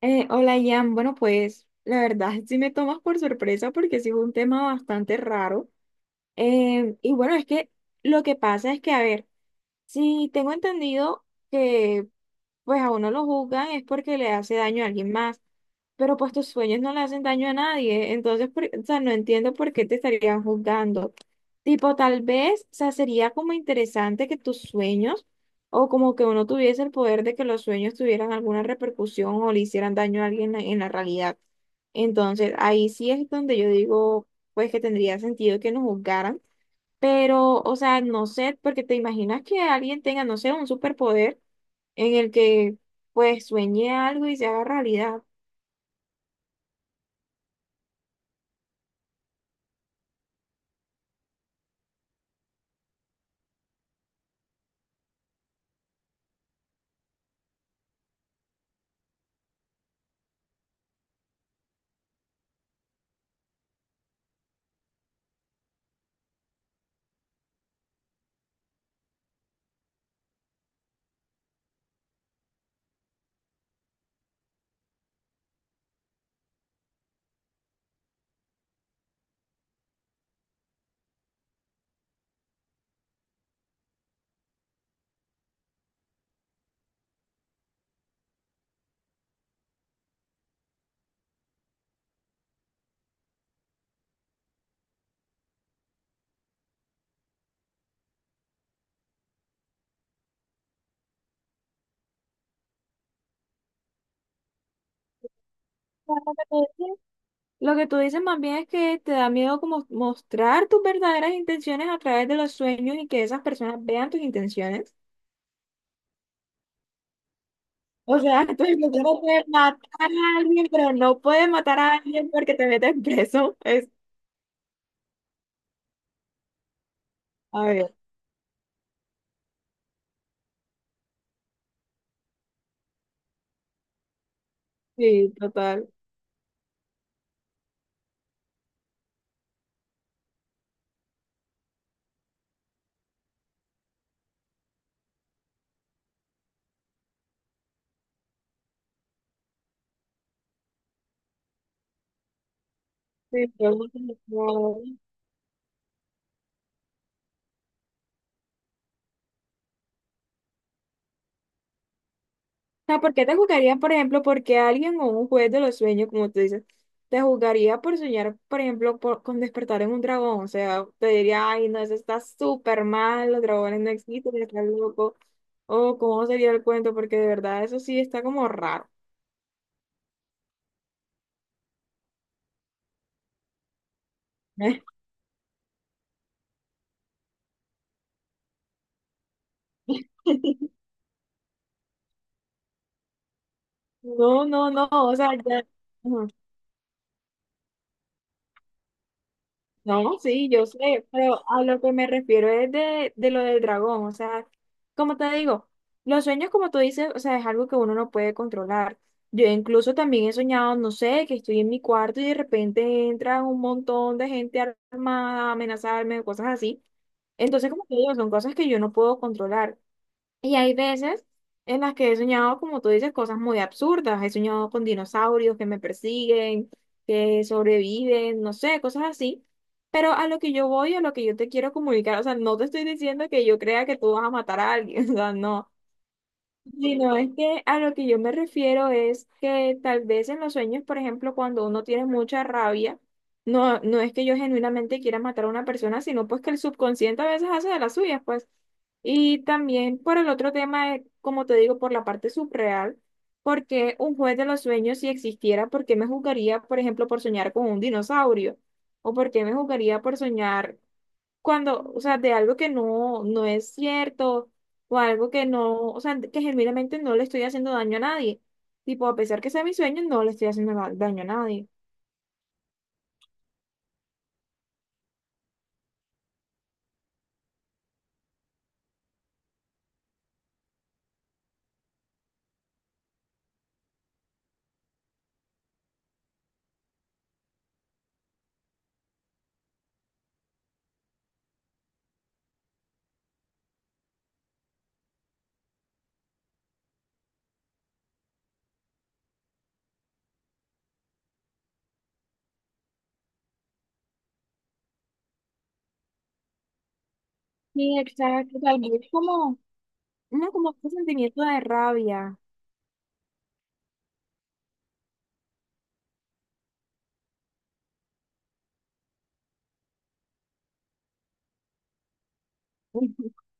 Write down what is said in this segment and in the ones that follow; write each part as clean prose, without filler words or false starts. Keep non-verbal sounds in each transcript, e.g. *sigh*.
Hola, Ian. Bueno, pues la verdad *laughs* sí me tomas por sorpresa porque sí fue un tema bastante raro. Y bueno, es que lo que pasa es que, a ver, si tengo entendido que pues a uno lo juzgan es porque le hace daño a alguien más, pero pues tus sueños no le hacen daño a nadie, entonces, o sea, no entiendo por qué te estarían juzgando. Tipo, tal vez, o sea, sería como interesante que tus sueños, o como que uno tuviese el poder de que los sueños tuvieran alguna repercusión o le hicieran daño a alguien en la realidad. Entonces, ahí sí es donde yo digo, pues que tendría sentido que nos juzgaran, pero, o sea, no sé, porque te imaginas que alguien tenga, no sé, un superpoder en el que pues sueñe algo y se haga realidad. Pero lo que tú dices más bien es que te da miedo como mostrar tus verdaderas intenciones a través de los sueños y que esas personas vean tus intenciones. O sea, *laughs* tu intención es matar a alguien, pero no puedes matar a alguien porque te metes preso. Es, a ver, sí, total. Sí, yo- sea, ¿por qué te juzgarían, por ejemplo, porque alguien o un juez de los sueños, como tú dices, te juzgaría por soñar, por ejemplo, con despertar en un dragón? O sea, te diría, ay, no, eso está súper mal, los dragones no existen, está loco. O cómo sería el cuento, porque de verdad eso sí está como raro. *laughs* No, no, no, o sea, ya. No, sí, yo sé, pero a lo que me refiero es de lo del dragón, o sea, como te digo, los sueños, como tú dices, o sea, es algo que uno no puede controlar. Yo incluso también he soñado, no sé, que estoy en mi cuarto y de repente entra un montón de gente armada a amenazarme, cosas así. Entonces, como te digo, son cosas que yo no puedo controlar. Y hay veces en las que he soñado, como tú dices, cosas muy absurdas. He soñado con dinosaurios que me persiguen, que sobreviven, no sé, cosas así. Pero a lo que yo voy, a lo que yo te quiero comunicar, o sea, no te estoy diciendo que yo crea que tú vas a matar a alguien, *laughs* o sea, no. Sí, no, es que a lo que yo me refiero es que tal vez en los sueños, por ejemplo, cuando uno tiene mucha rabia, no, no es que yo genuinamente quiera matar a una persona, sino pues que el subconsciente a veces hace de las suyas, pues. Y también por el otro tema, como te digo, por la parte subreal, porque un juez de los sueños, si existiera, ¿por qué me juzgaría, por ejemplo, por soñar con un dinosaurio? ¿O por qué me juzgaría por soñar cuando, o sea, de algo que no, no es cierto o algo que no, o sea, que genuinamente no le estoy haciendo daño a nadie? Tipo, a pesar que sea mi sueño, no le estoy haciendo daño a nadie. Sí, exacto, tal vez como, no, como un sentimiento de rabia. *laughs*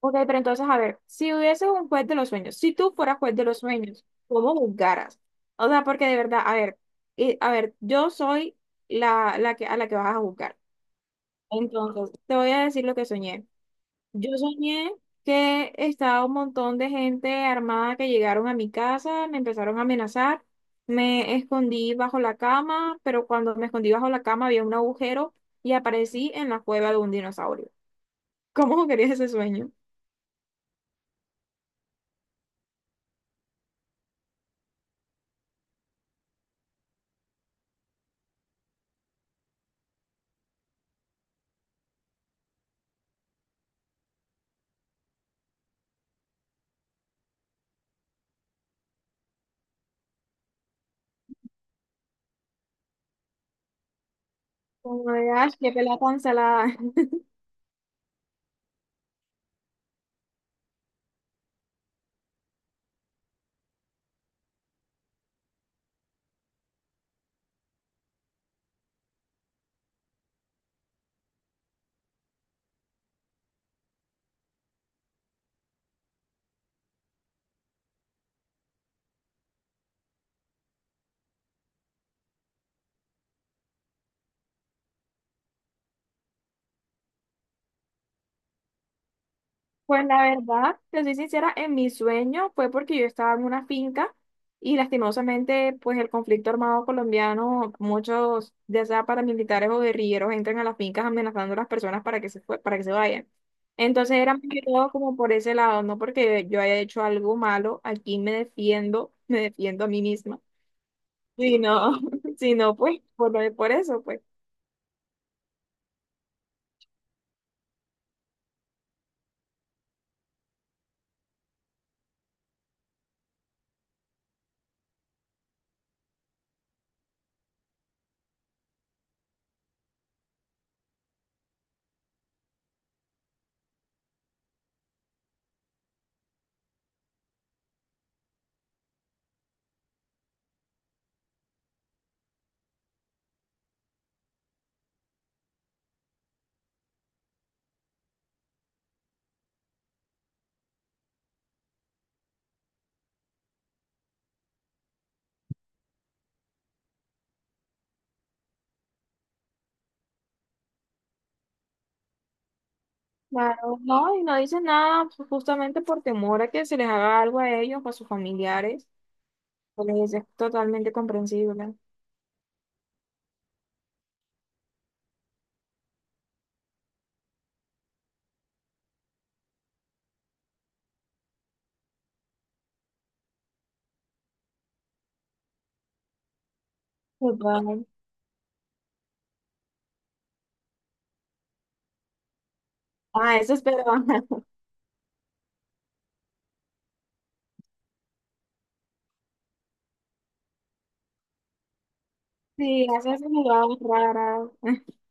Ok, pero entonces, a ver, si hubieses un juez de los sueños, si tú fueras juez de los sueños, ¿cómo juzgaras? O sea, porque de verdad, a ver, yo soy la, la que, a la que vas a juzgar. Entonces, te voy a decir lo que soñé. Yo soñé que estaba un montón de gente armada que llegaron a mi casa, me empezaron a amenazar, me escondí bajo la cama, pero cuando me escondí bajo la cama había un agujero y aparecí en la cueva de un dinosaurio. ¿Cómo *laughs* querías ese sueño? Como de, "Ay, qué pelea tan salada". Pues la verdad, te soy sincera, en mi sueño fue porque yo estaba en una finca y lastimosamente pues el conflicto armado colombiano, muchos ya sea paramilitares o guerrilleros entran a las fincas amenazando a las personas para que para que se vayan. Entonces era más que todo como por ese lado, no porque yo haya hecho algo malo, aquí me defiendo, *laughs* me defiendo a mí misma. Si no, *laughs* si no, pues por, por eso, pues. Claro, no, y no dicen nada pues, justamente por temor a que se les haga algo a ellos o a sus familiares. Pues, es totalmente comprensible. Total. Ah, eso espero. *laughs* Sí, haces miradas raras. *laughs*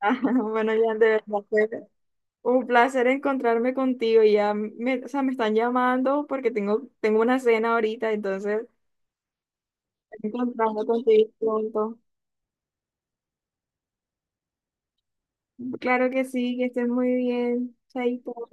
Ah, bueno, ya de verdad fue un placer encontrarme contigo. Ya me, o sea, me están llamando porque tengo, una cena ahorita, entonces encontrarme contigo pronto. Claro que sí, que estés muy bien. Chaito.